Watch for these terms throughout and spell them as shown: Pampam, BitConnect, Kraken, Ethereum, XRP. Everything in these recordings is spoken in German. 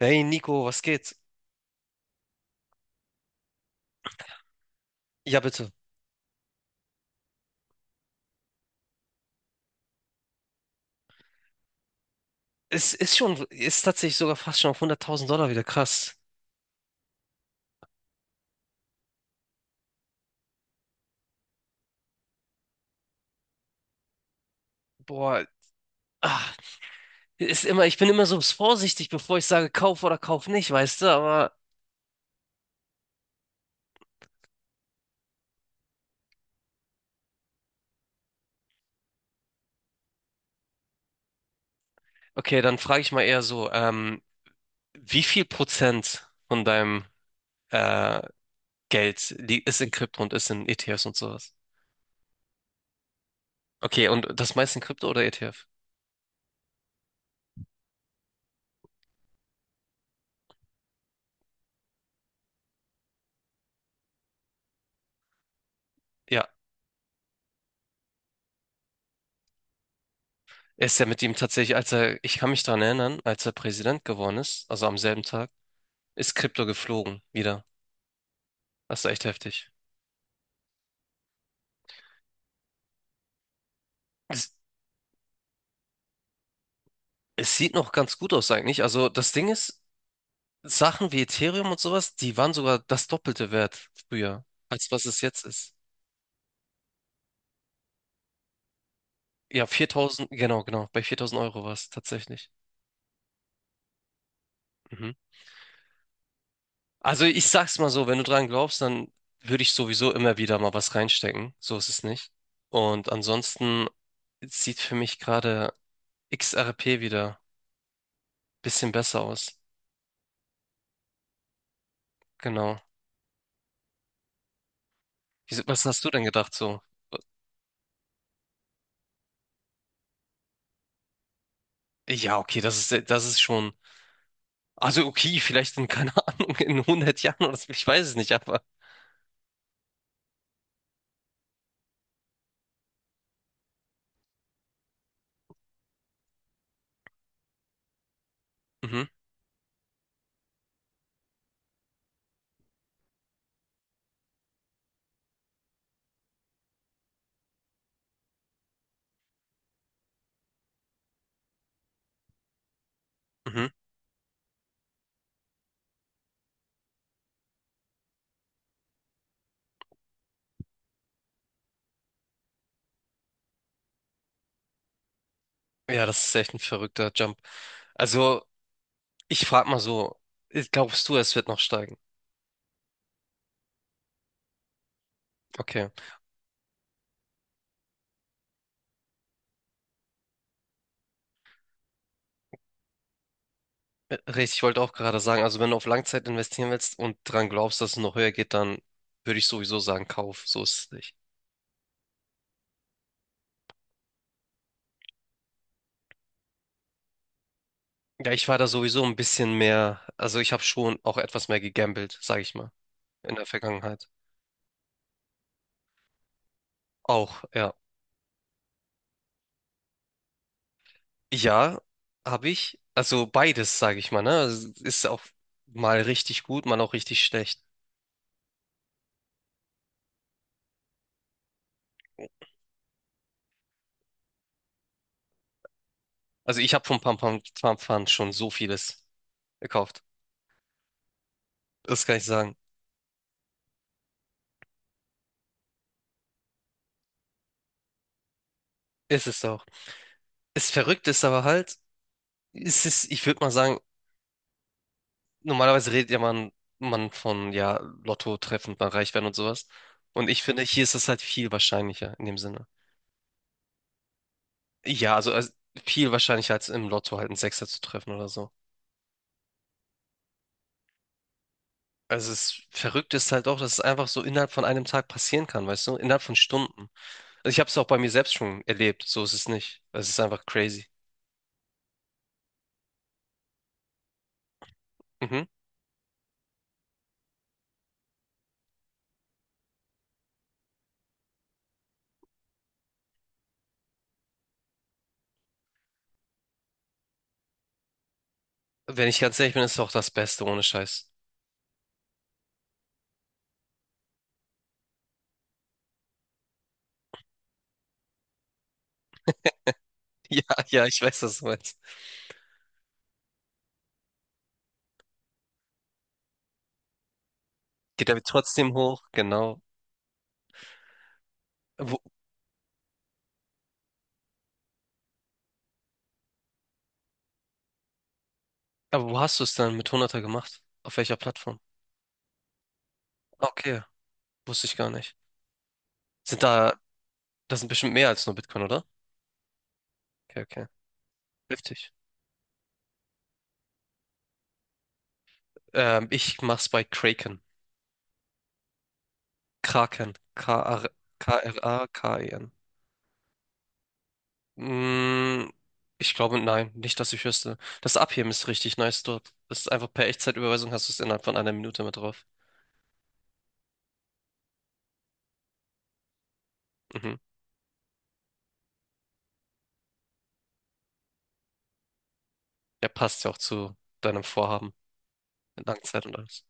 Hey Nico, was geht? Ja, bitte. Es ist tatsächlich sogar fast schon auf $100.000 wieder krass. Boah, ah, ich bin immer so vorsichtig, bevor ich sage, kauf oder kauf nicht, weißt du? Aber okay, dann frage ich mal eher so, wie viel Prozent von deinem äh, ist in Krypto und ist in ETFs und sowas? Okay, und das meiste in Krypto oder ETF? Ja, er ist ja mit ihm tatsächlich, als er, ich kann mich daran erinnern, als er Präsident geworden ist, also am selben Tag, ist Krypto geflogen wieder. Das ist echt heftig. Es, es sieht noch ganz gut aus eigentlich. Also das Ding ist, Sachen wie Ethereum und sowas, die waren sogar das Doppelte wert früher, als was es jetzt ist. Ja, viertausend, genau, genau. Bei 4.000 Euro war es tatsächlich. Mhm. Also ich sag's mal so, wenn du dran glaubst, dann würde ich sowieso immer wieder mal was reinstecken. So ist es nicht. Und ansonsten sieht für mich gerade XRP wieder ein bisschen besser aus. Genau. Was hast du denn gedacht so? Ja, okay, das ist schon. Also okay, vielleicht in, keine Ahnung, in 100 Jahren oder so, ich weiß es nicht, aber mhm, mhm. Ja, das ist echt ein verrückter Jump. Also, ich frage mal so, glaubst du, es wird noch steigen? Okay. Richtig, ich wollte auch gerade sagen, also wenn du auf Langzeit investieren willst und dran glaubst, dass es noch höher geht, dann würde ich sowieso sagen, kauf, so ist es nicht. Ja, ich war da sowieso ein bisschen mehr, also ich habe schon auch etwas mehr gegambelt, sage ich mal, in der Vergangenheit. Auch, ja. Ja, habe ich. Also beides, sage ich mal, ne? Also ist auch mal richtig gut, mal auch richtig schlecht. Also ich habe von Pampam schon so vieles gekauft. Das kann ich sagen. Ist es auch. Es verrückt ist aber halt, ich würde mal sagen, normalerweise redet ja man von, ja, Lotto treffen, mal reich werden und sowas. Und ich finde, hier ist es halt viel wahrscheinlicher in dem Sinne. Ja, also viel wahrscheinlicher als im Lotto halt einen Sechser zu treffen oder so. Also es verrückt ist halt auch, dass es einfach so innerhalb von einem Tag passieren kann, weißt du? Innerhalb von Stunden. Also ich habe es auch bei mir selbst schon erlebt. So ist es nicht. Es ist einfach crazy. Mhm. Wenn ich ganz ehrlich bin, ist es auch das Beste ohne Scheiß. Ja, ja, ich weiß, was du meinst. Geht aber trotzdem hoch, genau. Wo, aber wo hast du es dann mit hunderter gemacht? Auf welcher Plattform? Okay, wusste ich gar nicht. Sind da, das sind bestimmt mehr als nur Bitcoin, oder? Okay, okay. Heftig. Ich mach's bei Kraken. Kraken. K R K-R-A-K-E-N. Mm, ich glaube, nein, nicht, dass ich wüsste. Das Abheben ist richtig nice dort. Das ist einfach per Echtzeitüberweisung hast du es innerhalb von einer Minute mit drauf. Mhm. Ja, passt ja auch zu deinem Vorhaben mit Langzeit und alles.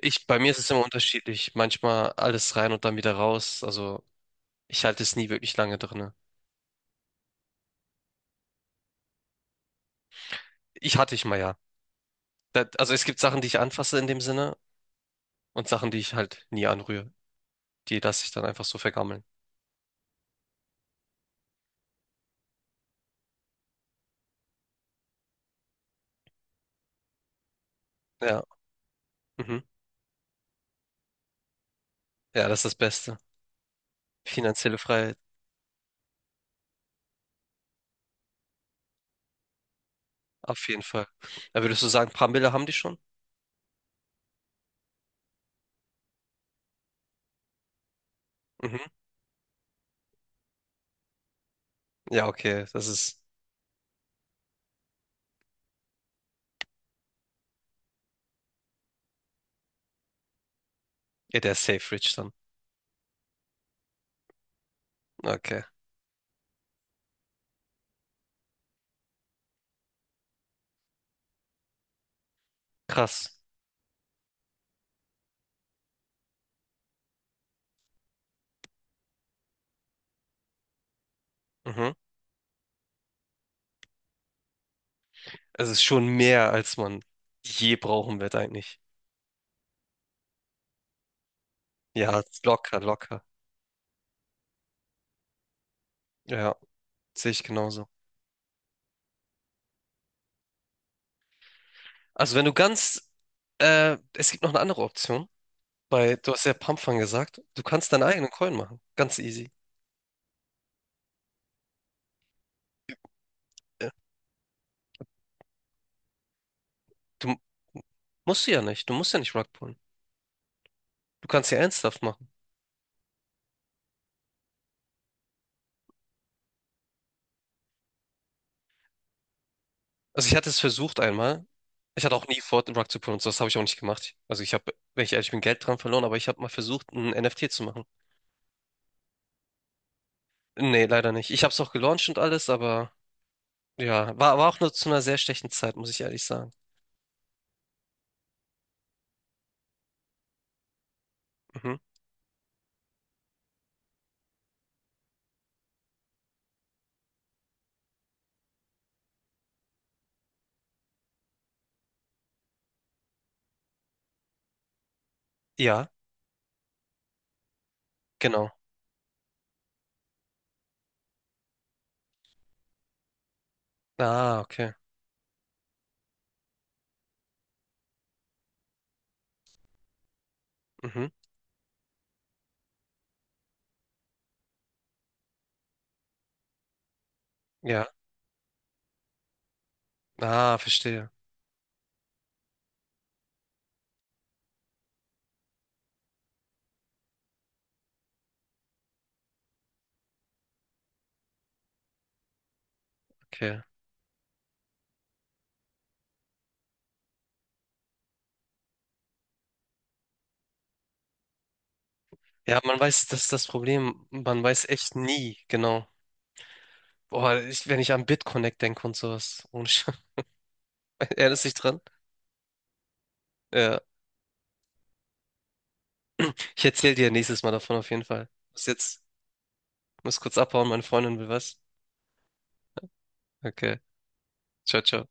Ich, bei mir ist es immer unterschiedlich. Manchmal alles rein und dann wieder raus. Also ich halte es nie wirklich lange drinne. Ich hatte ich mal ja. Das, also es gibt Sachen, die ich anfasse in dem Sinne und Sachen, die ich halt nie anrühre. Die lasse ich dann einfach so vergammeln. Ja, mhm. Ja, das ist das Beste. Finanzielle Freiheit. Auf jeden Fall. Da würdest du sagen, paar Mille haben die schon? Mhm. Ja, okay. Das ist ja der Safe Rich dann. Okay. Krass. Mhm. Es ist schon mehr, als man je brauchen wird eigentlich. Ja, locker, locker. Ja, sehe ich genauso. Also wenn du ganz, es gibt noch eine andere Option, weil du hast ja Pumpfang gesagt, du kannst deinen eigenen Coin machen. Ganz easy. Äh, Du musst du ja nicht. Du musst ja nicht Rug pullen. Du kannst ja ernsthaft machen. Also ich hatte es versucht einmal. Ich hatte auch nie vor, den Rug zu pullen und so, das habe ich auch nicht gemacht. Also ich habe, wenn ich ehrlich bin, Geld dran verloren, aber ich habe mal versucht, ein NFT zu machen. Nee, leider nicht. Ich habe es auch gelauncht und alles, aber ja, war auch nur zu einer sehr schlechten Zeit, muss ich ehrlich sagen. Mhm. Ja, genau. Ah, okay. Mhm. Ja. Ah, verstehe. Okay. Ja, man weiß, das ist das Problem. Man weiß echt nie, genau. Boah, ich, wenn ich an BitConnect denke und sowas. Ohne Scheiß. Erinnerst du dich dran? Ja. Ich erzähle dir nächstes Mal davon auf jeden Fall. Bis jetzt. Muss kurz abhauen, meine Freundin will was. Okay. Ciao, ciao.